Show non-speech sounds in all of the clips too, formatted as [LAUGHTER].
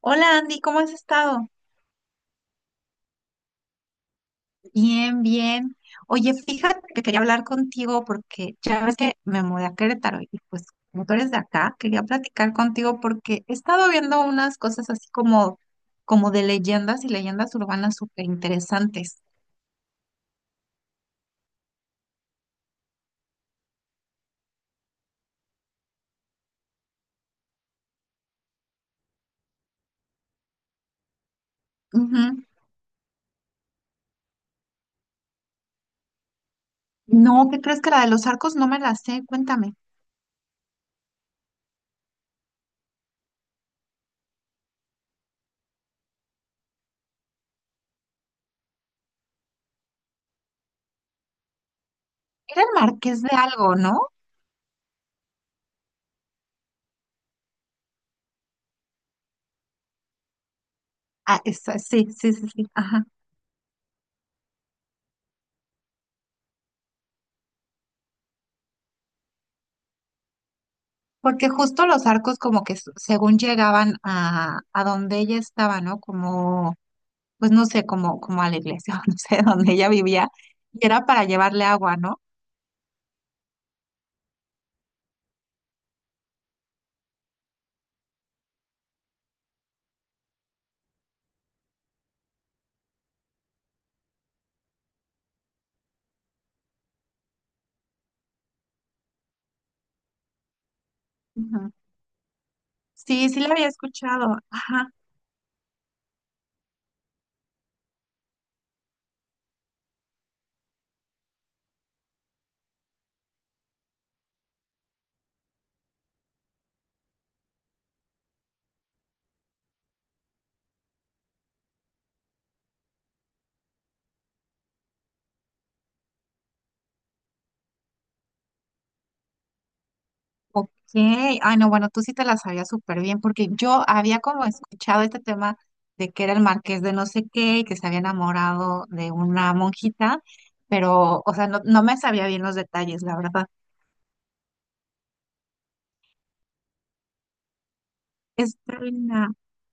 Hola Andy, ¿cómo has estado? Bien, bien. Oye, fíjate que quería hablar contigo porque ya ves que me mudé a Querétaro y pues como tú eres de acá, quería platicar contigo porque he estado viendo unas cosas así como, como de leyendas y leyendas urbanas súper interesantes. Ujú. No, ¿qué crees que la de los arcos no me la sé? Cuéntame. Era el marqués de algo, ¿no? Ah, sí, sí, sí, sí, ajá. Porque justo los arcos como que según llegaban a donde ella estaba, ¿no? Como pues no sé, como, como a la iglesia, [LAUGHS] o no sé, donde ella vivía, y era para llevarle agua, ¿no? Ujú. Sí, sí la había escuchado. Ajá. Ok. Ay, no, bueno, tú sí te la sabías súper bien, porque yo había como escuchado este tema de que era el marqués de no sé qué y que se había enamorado de una monjita, pero, o sea, no me sabía bien los detalles, la verdad. Esta linda.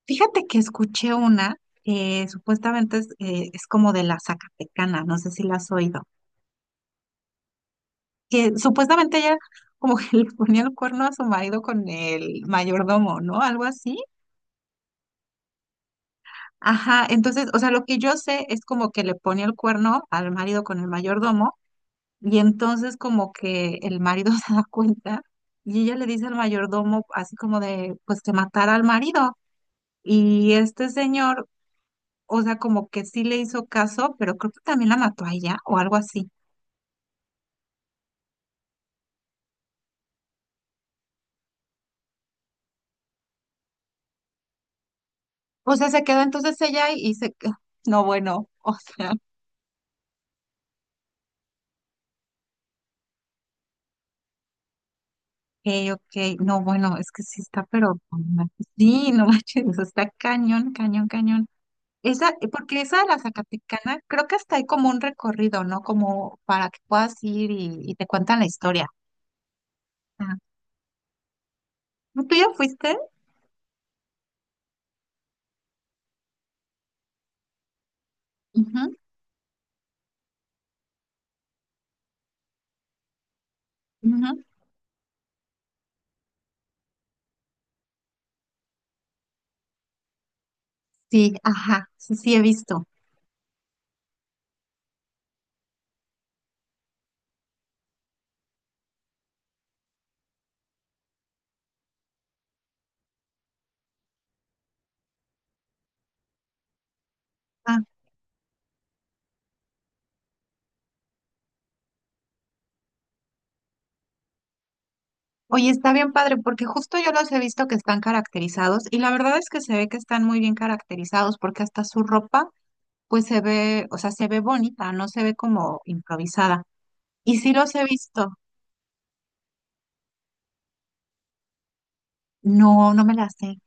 Fíjate que escuché una que supuestamente es como de la Zacatecana, no sé si la has oído. Que supuestamente ella como que [LAUGHS] le ponía el cuerno a su marido con el mayordomo, ¿no? Algo así. Ajá, entonces, o sea, lo que yo sé es como que le ponía el cuerno al marido con el mayordomo y entonces como que el marido [LAUGHS] se da cuenta y ella le dice al mayordomo así como de, pues que matara al marido y este señor, o sea, como que sí le hizo caso, pero creo que también la mató a ella o algo así. O sea, se quedó entonces ella y se... [LAUGHS] No, bueno, o sea. Ok, ok. No, bueno, es que sí está, pero no manches, [LAUGHS] sí, no manches, eso está cañón, cañón, cañón. Esa, porque esa de la Zacatecana, creo que hasta hay como un recorrido, ¿no? Como para que puedas ir y te cuentan la historia. Ah, ¿no? ¿Tú ya fuiste? Ujú, ujú. Sí, ajá, sí, sí, he visto. Ah, oye, está bien padre, porque justo yo los he visto que están caracterizados y la verdad es que se ve que están muy bien caracterizados porque hasta su ropa, pues se ve, o sea, se ve bonita, no se ve como improvisada. Y sí los he visto. No, no me las sé.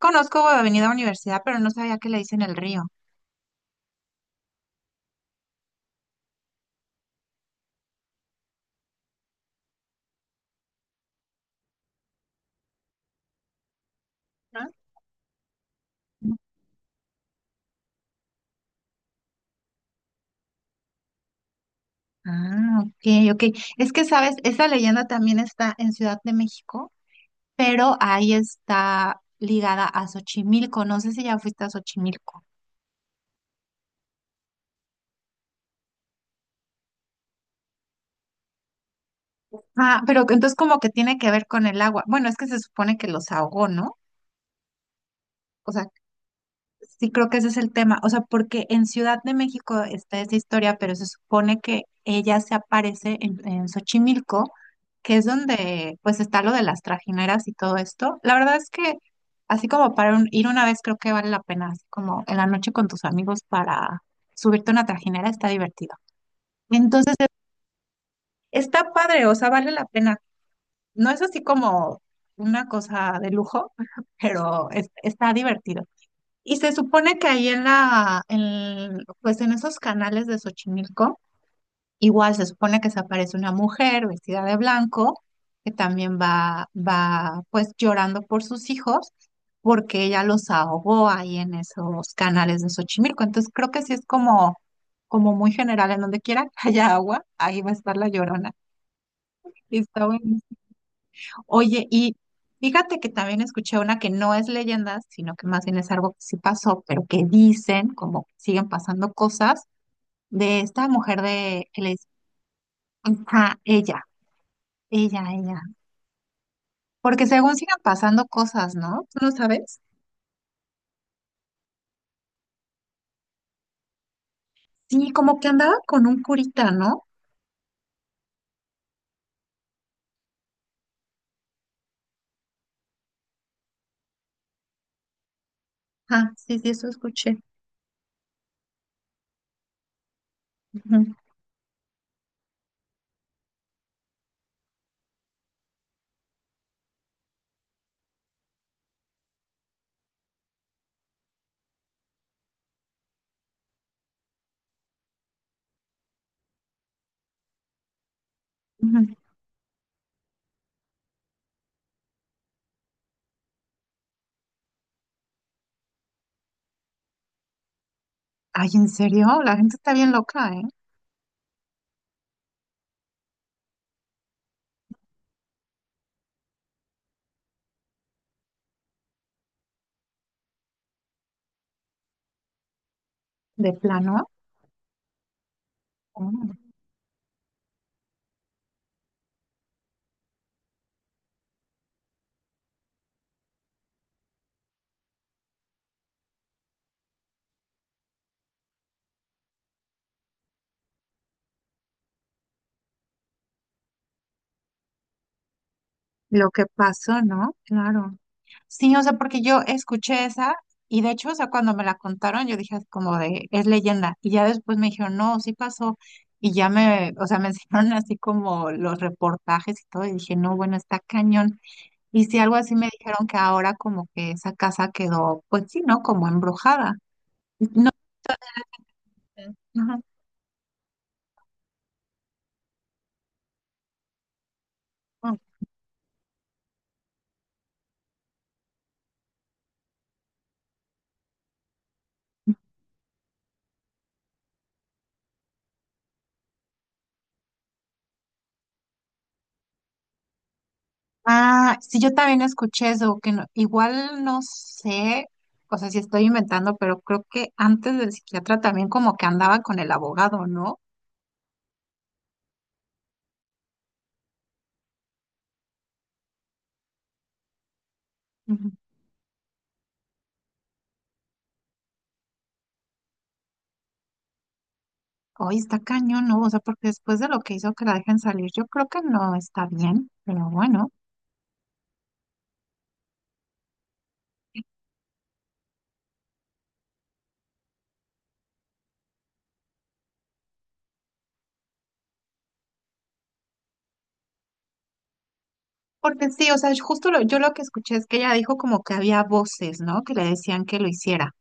Conozco Avenida Universidad, pero no sabía que le dicen el río. ¿No? Ah, ok, ok. Es que, sabes, esa leyenda también está en Ciudad de México, pero ahí está ligada a Xochimilco. No sé si ya fuiste a Xochimilco. Ah, pero entonces como que tiene que ver con el agua. Bueno, es que se supone que los ahogó, ¿no? O sea, sí, creo que ese es el tema. O sea, porque en Ciudad de México está esa historia, pero se supone que ella se aparece en Xochimilco, que es donde pues está lo de las trajineras y todo esto. La verdad es que así como para ir una vez creo que vale la pena, así como en la noche con tus amigos para subirte a una trajinera está divertido. Entonces, está padre, o sea, vale la pena. No es así como una cosa de lujo, [LAUGHS] pero está divertido. Y se supone que ahí en pues en esos canales de Xochimilco, igual se supone que se aparece una mujer vestida de blanco, que también va pues llorando por sus hijos, porque ella los ahogó ahí en esos canales de Xochimilco. Entonces creo que sí es como, como muy general, en donde quiera que haya agua, ahí va a estar la llorona. Y está bueno. Oye, y fíjate que también escuché una que no es leyenda, sino que más bien es algo que sí pasó, pero que dicen, como que siguen pasando cosas, de esta mujer de, que les, ajá, ella. Porque según sigan pasando cosas, ¿no? ¿Tú no sabes? Sí, como que andaba con un curita, ¿no? Ah, sí, sí, eso escuché. Ujú, ujú. Ay, ¿en serio? La gente está bien loca, ¿eh? De plano. Mm. Lo que pasó, ¿no? Claro. Sí, o sea, porque yo escuché esa y de hecho, o sea, cuando me la contaron, yo dije así como de, es leyenda. Y ya después me dijeron, no, sí pasó. Y ya me, o sea, me [LAUGHS] enseñaron así como los reportajes y todo. Y dije, no, bueno, está cañón. Y sí, algo así me dijeron que ahora como que esa casa quedó, pues sí, ¿no? Como embrujada. No, sí. Ajá, ah, sí, yo también escuché eso, que igual no sé, o sea, si estoy inventando, pero creo que antes del psiquiatra también como que andaba con el abogado, ¿no? Ujú. Hoy está cañón, ¿no? O sea, porque después de lo que hizo que la dejen salir, yo creo que no está bien, pero bueno. Porque sí, o sea, yo lo que escuché es que ella dijo como que había voces, ¿no? Que le decían que lo hiciera.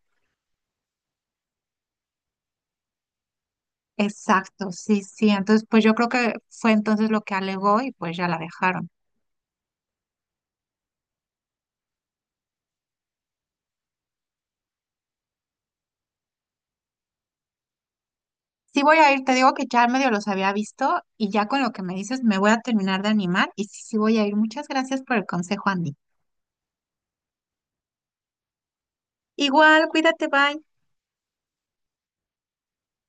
Exacto, sí, sí. Entonces, pues yo creo que fue entonces lo que alegó y pues ya la dejaron. Sí voy a ir, te digo que ya medio los había visto y ya con lo que me dices me voy a terminar de animar y sí, sí voy a ir. Muchas gracias por el consejo, Andy. Igual, cuídate, bye.